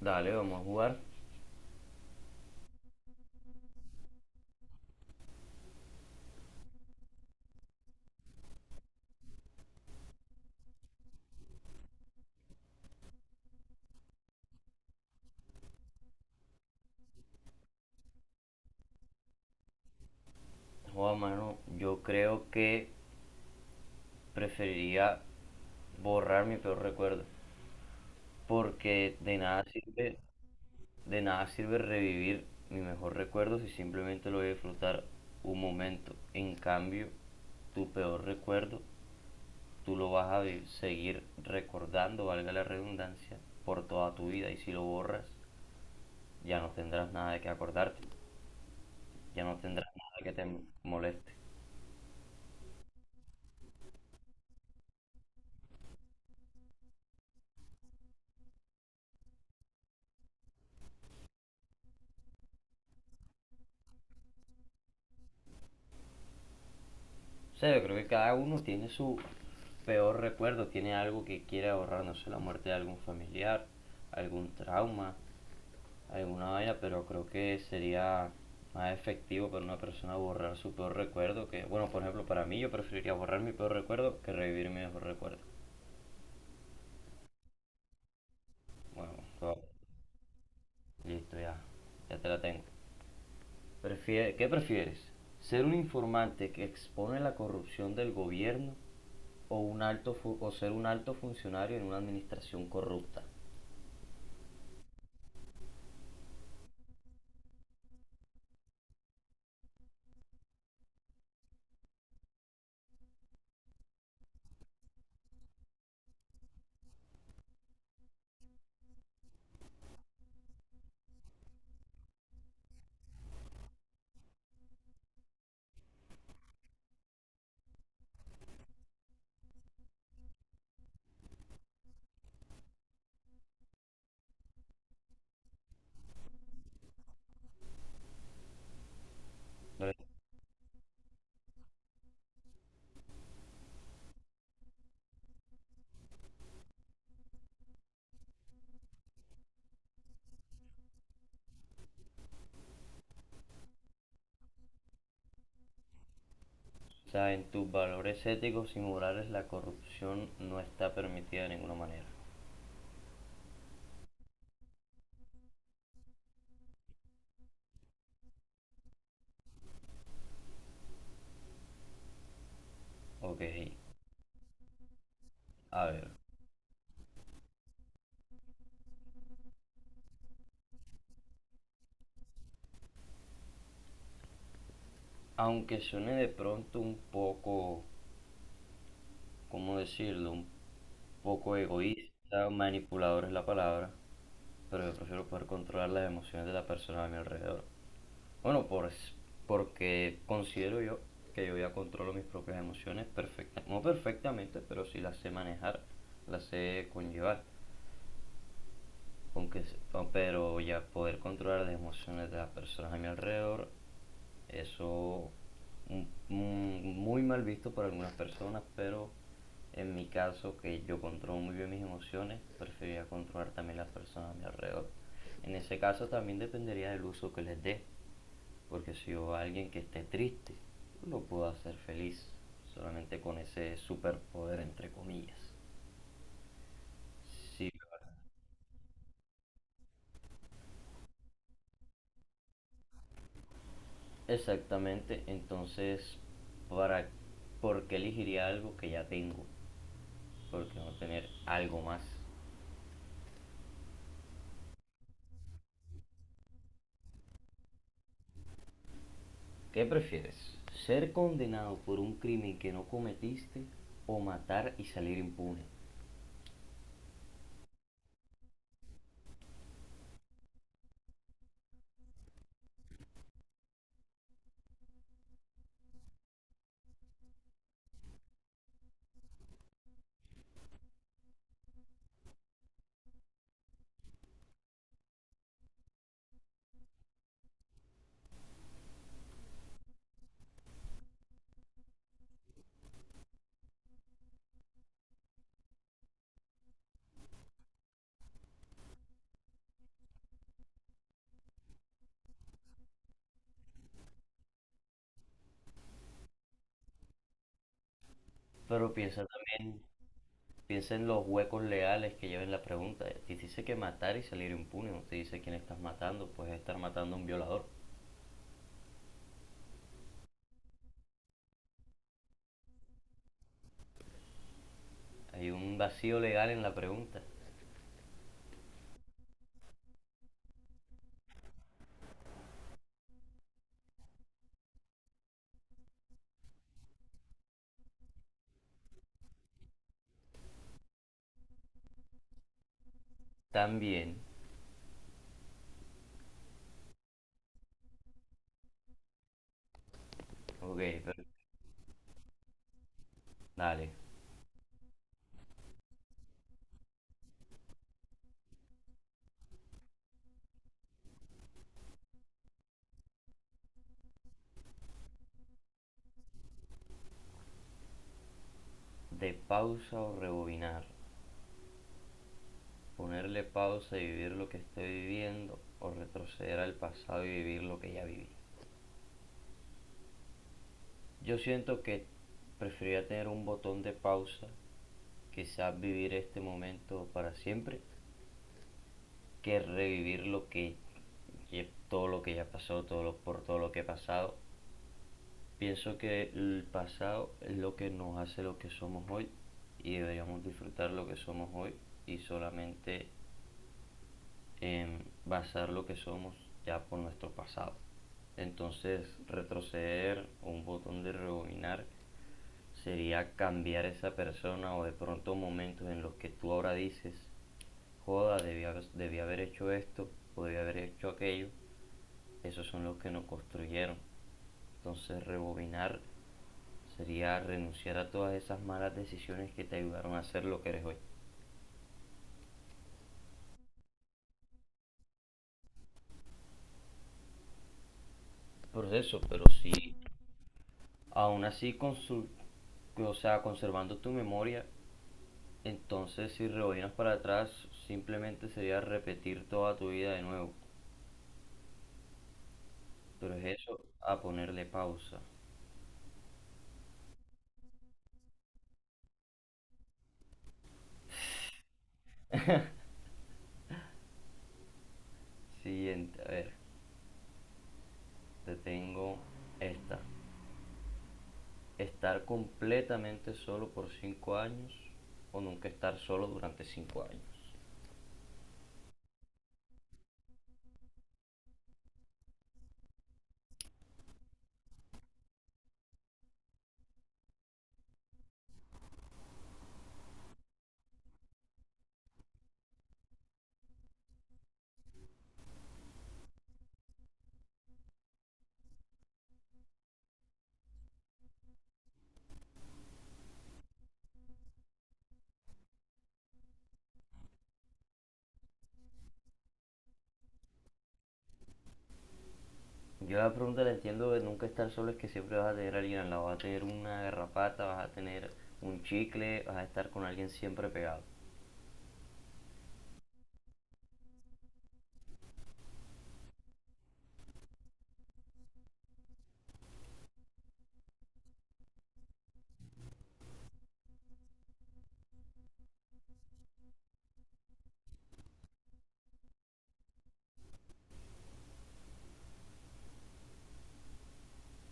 Dale, vamos a jugar. Joda, mano, yo creo que preferiría borrar mi peor recuerdo, porque de nada sirve revivir mi mejor recuerdo si simplemente lo voy a disfrutar un momento. En cambio, tu peor recuerdo, tú lo vas a seguir recordando, valga la redundancia, por toda tu vida, y si lo borras, ya no tendrás nada de que acordarte, ya no tendrás nada que te moleste. O sea, yo creo que cada uno tiene su peor recuerdo, tiene algo que quiere ahorrar, no sé, la muerte de algún familiar, algún trauma, alguna vaina, pero creo que sería más efectivo para una persona borrar su peor recuerdo que, bueno, por ejemplo, para mí yo preferiría borrar mi peor recuerdo que revivir mi mejor recuerdo. Bueno, todo. Listo, ya, ya te la tengo. ¿Qué prefieres? ¿Ser un informante que expone la corrupción del gobierno o, ser un alto funcionario en una administración corrupta? Sea, en tus valores éticos y morales la corrupción no está permitida de ninguna manera. Ok, a ver. Aunque suene de pronto un poco, ¿cómo decirlo? Un poco egoísta, manipulador es la palabra, pero yo prefiero poder controlar las emociones de la persona a mi alrededor. Bueno, porque considero yo que yo ya controlo mis propias emociones perfectamente, no perfectamente, pero sí las sé manejar, las sé conllevar. Aunque, ah, pero ya poder controlar las emociones de las personas a mi alrededor, eso mm, muy mal visto por algunas personas, pero en mi caso, que yo controlo muy bien mis emociones, preferiría controlar también las personas a mi alrededor. En ese caso también dependería del uso que les dé, porque si yo a alguien que esté triste, lo puedo hacer feliz solamente con ese superpoder entre comillas. Si. Exactamente, entonces, ¿para por qué elegiría algo que ya tengo? ¿Por qué no tener algo más? ¿Qué prefieres? Ser condenado por un crimen que no cometiste o matar y salir impune. Pero piensa también, piensa en los huecos legales que lleva en la pregunta. Te dice que matar y salir impune, no te dice quién estás matando, pues estar matando a un violador. Hay un vacío legal en la pregunta. También, ok, pero dale, de pausa o rebobinar. Ponerle pausa y vivir lo que esté viviendo, o retroceder al pasado y vivir lo que ya viví. Yo siento que preferiría tener un botón de pausa, quizás vivir este momento para siempre, que revivir lo que todo lo que ya pasó, todo lo, por todo lo que he pasado. Pienso que el pasado es lo que nos hace lo que somos hoy y deberíamos disfrutar lo que somos hoy, y solamente en basar lo que somos ya por nuestro pasado. Entonces, retroceder o un botón de rebobinar sería cambiar esa persona o de pronto momentos en los que tú ahora dices, joda, debí haber hecho esto o debí haber hecho aquello. Esos son los que nos construyeron. Entonces, rebobinar sería renunciar a todas esas malas decisiones que te ayudaron a ser lo que eres hoy. Proceso, pero si aún así con su, o sea, conservando tu memoria, entonces si rebobinas para atrás, simplemente sería repetir toda tu vida de nuevo. Pero es eso, a ponerle pausa. Siguiente, a ver, te tengo esta. Estar completamente solo por 5 años, o nunca estar solo durante 5 años. Yo la pregunta la entiendo de nunca estar solo es que siempre vas a tener a alguien al lado, vas a tener una garrapata, vas a tener un chicle, vas a estar con alguien siempre pegado.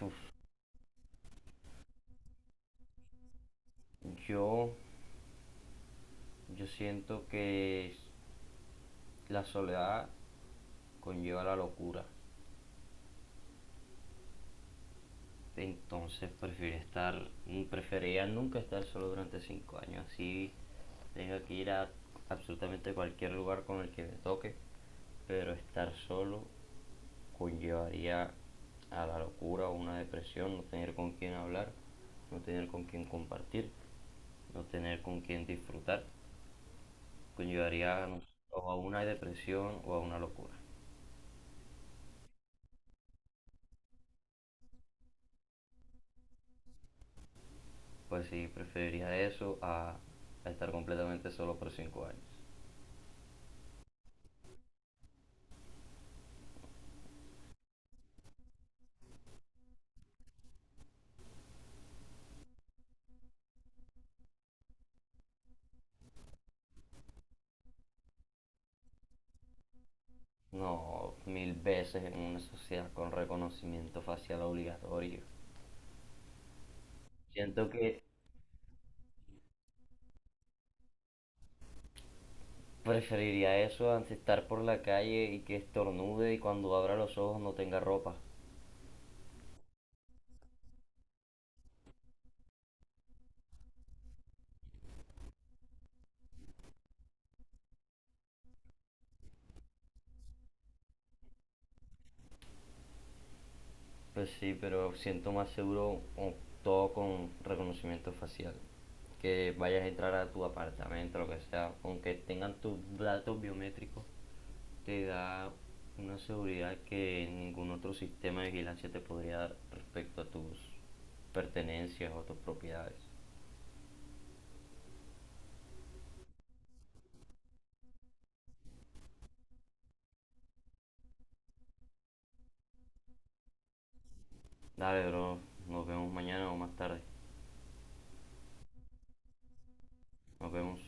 Uf, yo Yo siento que la soledad conlleva la locura. Entonces prefiero estar, prefería nunca estar solo durante 5 años. Así tengo que ir a absolutamente cualquier lugar con el que me toque. Pero estar solo conllevaría a la locura o una depresión, no tener con quién hablar, no tener con quién compartir, no tener con quién disfrutar. Conllevaría no sé, o a una depresión o a una locura. Pues sí, preferiría eso a estar completamente solo por 5 años. No, mil veces en una sociedad con reconocimiento facial obligatorio. Siento que preferiría eso antes estar por la calle y que estornude y cuando abra los ojos no tenga ropa. Pues sí, pero siento más seguro todo con reconocimiento facial. Que vayas a entrar a tu apartamento, lo que sea, aunque tengan tus datos biométricos, te da una seguridad que ningún otro sistema de vigilancia te podría dar respecto a tus pertenencias o tus propiedades. Dale, bro, nos vemos mañana o más tarde. Nos vemos.